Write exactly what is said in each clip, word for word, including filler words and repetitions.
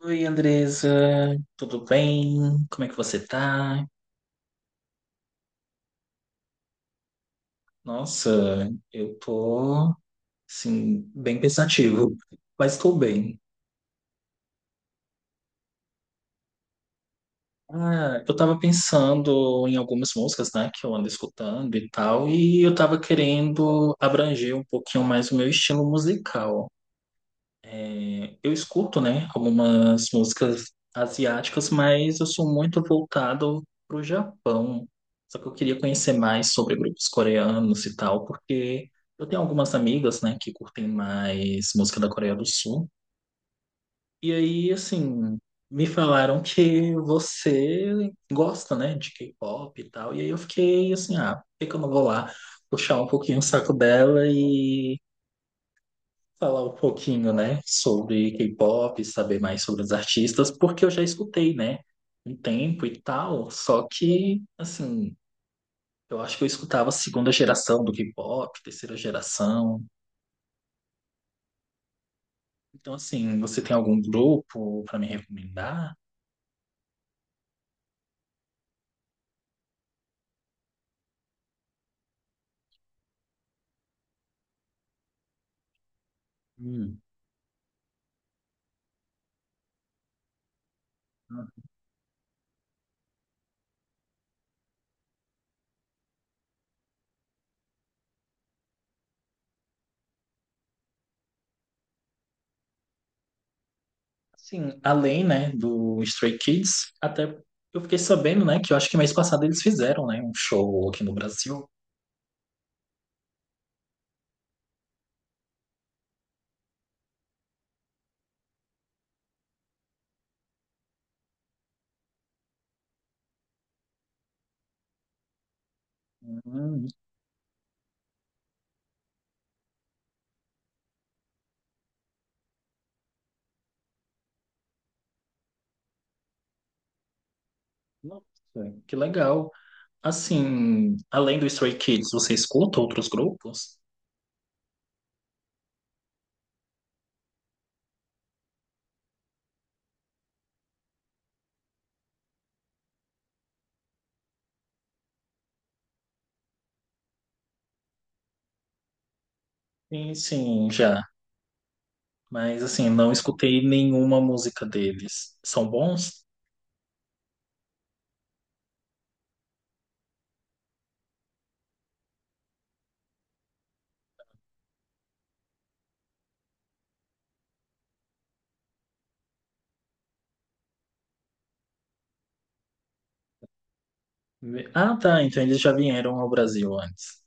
Oi, Andresa, tudo bem? Como é que você tá? Nossa, eu tô, assim, bem pensativo, mas tô bem. Ah, eu tava pensando em algumas músicas, né, que eu ando escutando e tal, e eu tava querendo abranger um pouquinho mais o meu estilo musical. Eu escuto, né, algumas músicas asiáticas, mas eu sou muito voltado pro Japão. Só que eu queria conhecer mais sobre grupos coreanos e tal, porque eu tenho algumas amigas, né, que curtem mais música da Coreia do Sul. E aí, assim, me falaram que você gosta, né, de K-pop e tal. E aí eu fiquei assim, ah, por que que eu não vou lá puxar um pouquinho o saco dela falar um pouquinho, né, sobre K-pop, saber mais sobre os artistas, porque eu já escutei, né, um tempo e tal, só que, assim, eu acho que eu escutava a segunda geração do K-pop, terceira geração. Então, assim, você tem algum grupo para me recomendar? Hum. Assim, além, né, do Stray Kids, até eu fiquei sabendo, né, que eu acho que mês passado eles fizeram, né, um show aqui no Brasil. Hum, nossa, que legal. Assim, além do Stray Kids, você escuta outros grupos? Sim, sim, já. Mas assim, não escutei nenhuma música deles. São bons? Ah, tá. Então eles já vieram ao Brasil antes.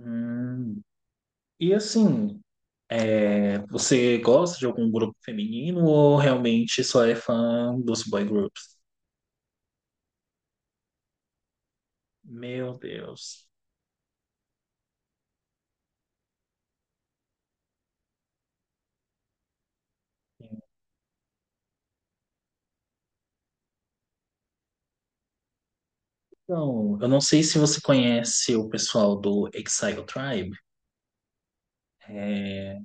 Hum. E assim, é, você gosta de algum grupo feminino ou realmente só é fã dos boy groups? Meu Deus. Então, eu não sei se você conhece o pessoal do Exile Tribe. É,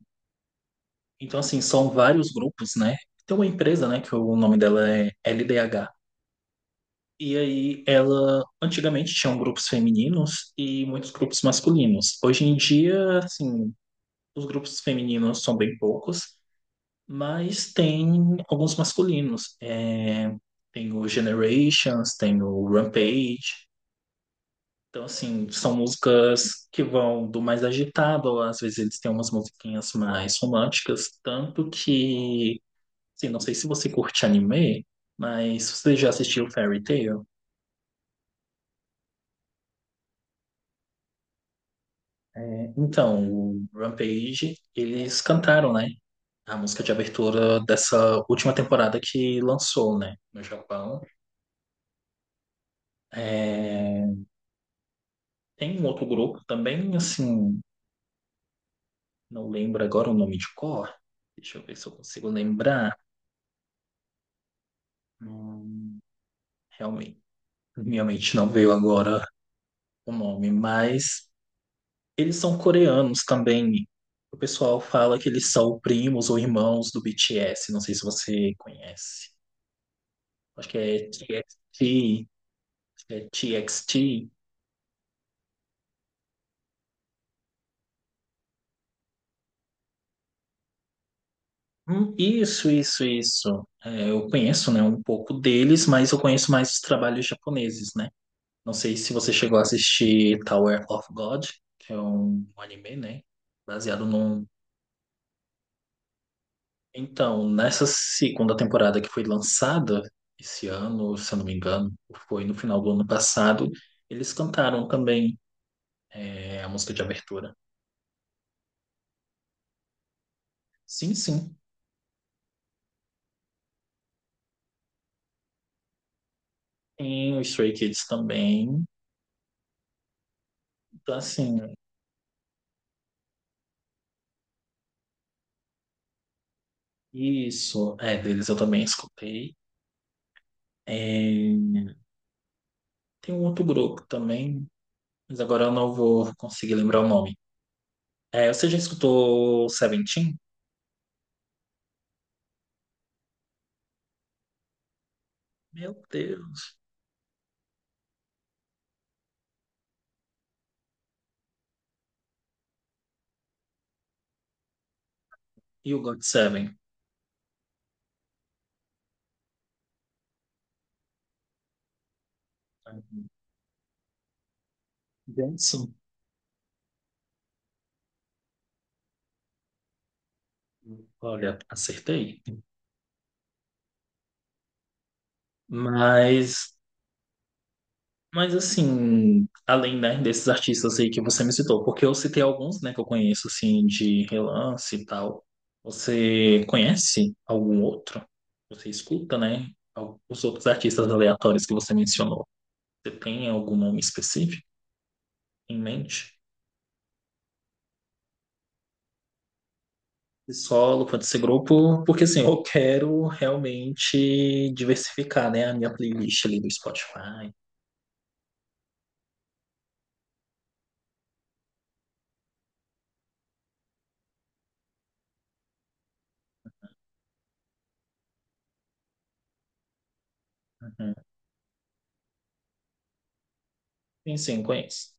então, assim, são vários grupos, né? Tem uma empresa, né, que o nome dela é L D H. E aí, ela antigamente tinha grupos femininos e muitos grupos masculinos. Hoje em dia, assim, os grupos femininos são bem poucos, mas tem alguns masculinos. É, tem o Generations, tem o Rampage. Então, assim, são músicas que vão do mais agitado, ou às vezes eles têm umas musiquinhas mais românticas, tanto que sim, não sei se você curte anime, mas você já assistiu Fairy Tail? É, então, o Rampage, eles cantaram, né? A música de abertura dessa última temporada que lançou, né? No Japão. É, tem um outro grupo também, assim, não lembro agora o nome de cor. Deixa eu ver se eu consigo lembrar. Hum, realmente, minha mente não veio agora o nome, mas eles são coreanos também. O pessoal fala que eles são primos ou irmãos do B T S. Não sei se você conhece. Acho que é T X T. Acho que é T X T. Hum, isso, isso, isso. É, eu conheço, né, um pouco deles, mas eu conheço mais os trabalhos japoneses, né? Não sei se você chegou a assistir Tower of God, que é um anime, né? Baseado num... Então, nessa segunda temporada que foi lançada esse ano, se eu não me engano, foi no final do ano passado, eles cantaram também é, a música de abertura. Sim, sim. Tem o Stray Kids também. Então, assim, isso, é, deles eu também escutei. É, tem um outro grupo também, mas agora eu não vou conseguir lembrar o nome. É, você já escutou Seventeen? Meu Deus. E o God Seven? Benção. Olha, acertei. Mas, mas assim, além, né, desses artistas aí que você me citou, porque eu citei alguns, né, que eu conheço, assim, de relance e tal. Você conhece algum outro? Você escuta, né, al- os outros artistas aleatórios que você mencionou? Você tem algum nome específico em mente? De solo, pode ser grupo, porque assim, eu quero realmente diversificar, né, a minha playlist ali do Spotify. Uhum. Sim, sim, conheço.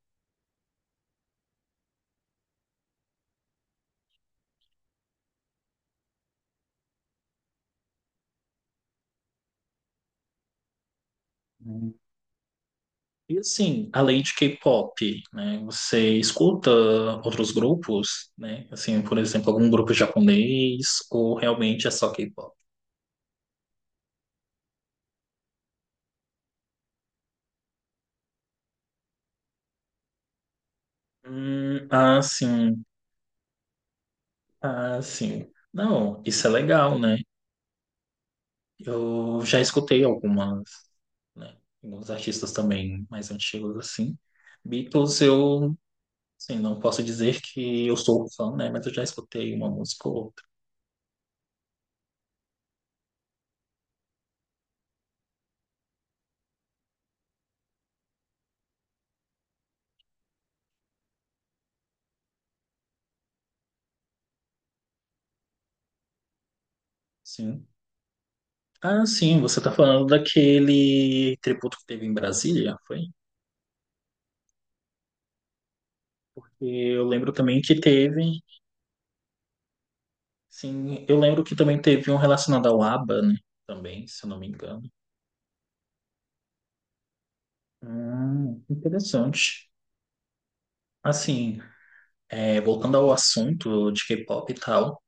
E assim, além de K-pop, né, você escuta outros grupos, né? Assim, por exemplo, algum grupo japonês ou realmente é só K-pop? Hum, ah, sim. Ah, sim. Não, isso é legal, né? Eu já escutei algumas, né? Alguns artistas também mais antigos, assim. Beatles, eu, assim, não posso dizer que eu sou fã, né? Mas eu já escutei uma música ou outra, sim. Ah, sim, você tá falando daquele tributo que teve em Brasília, foi? E eu lembro também que teve, sim, eu lembro que também teve um relacionado ao ABBA, né? Também, se eu não me engano. Hum, interessante. Assim, é, voltando ao assunto de K-pop e tal,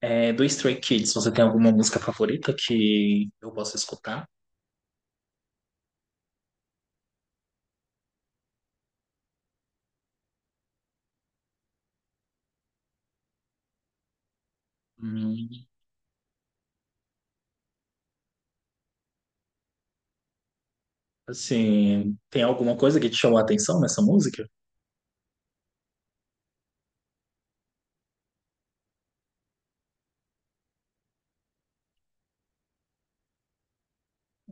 é, do Stray Kids, você tem alguma música favorita que eu possa escutar? Hum, assim, tem alguma coisa que te chamou a atenção nessa música?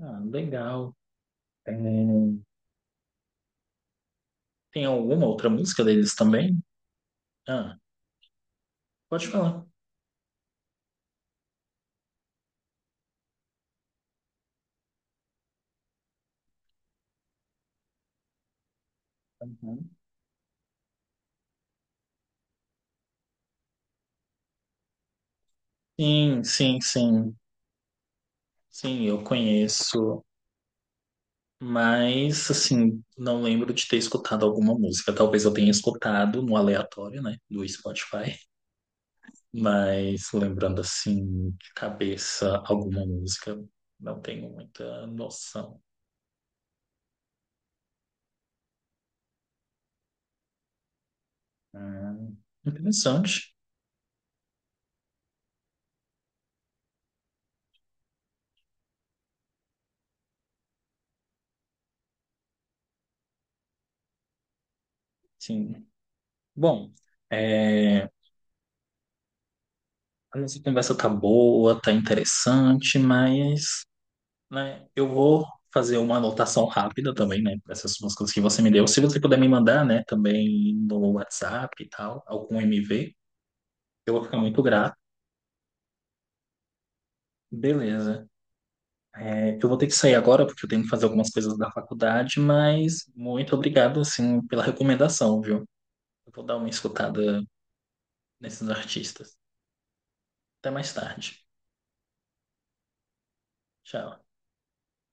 Ah, legal. É, tem alguma outra música deles também? Ah, pode falar. Uhum. Sim, sim, sim. Sim, eu conheço, mas assim, não lembro de ter escutado alguma música. Talvez eu tenha escutado no aleatório, né, do Spotify, mas lembrando assim, de cabeça alguma música, não tenho muita noção. Hum, interessante. Sim. Bom, é, a nossa conversa tá boa, tá interessante, mas né? Eu vou fazer uma anotação rápida também, né? Essas umas coisas que você me deu. Se você puder me mandar, né, também no WhatsApp e tal, algum M V, eu vou ficar muito grato. Beleza. É, eu vou ter que sair agora porque eu tenho que fazer algumas coisas da faculdade, mas muito obrigado, assim, pela recomendação, viu? Eu vou dar uma escutada nesses artistas. Até mais tarde. Tchau.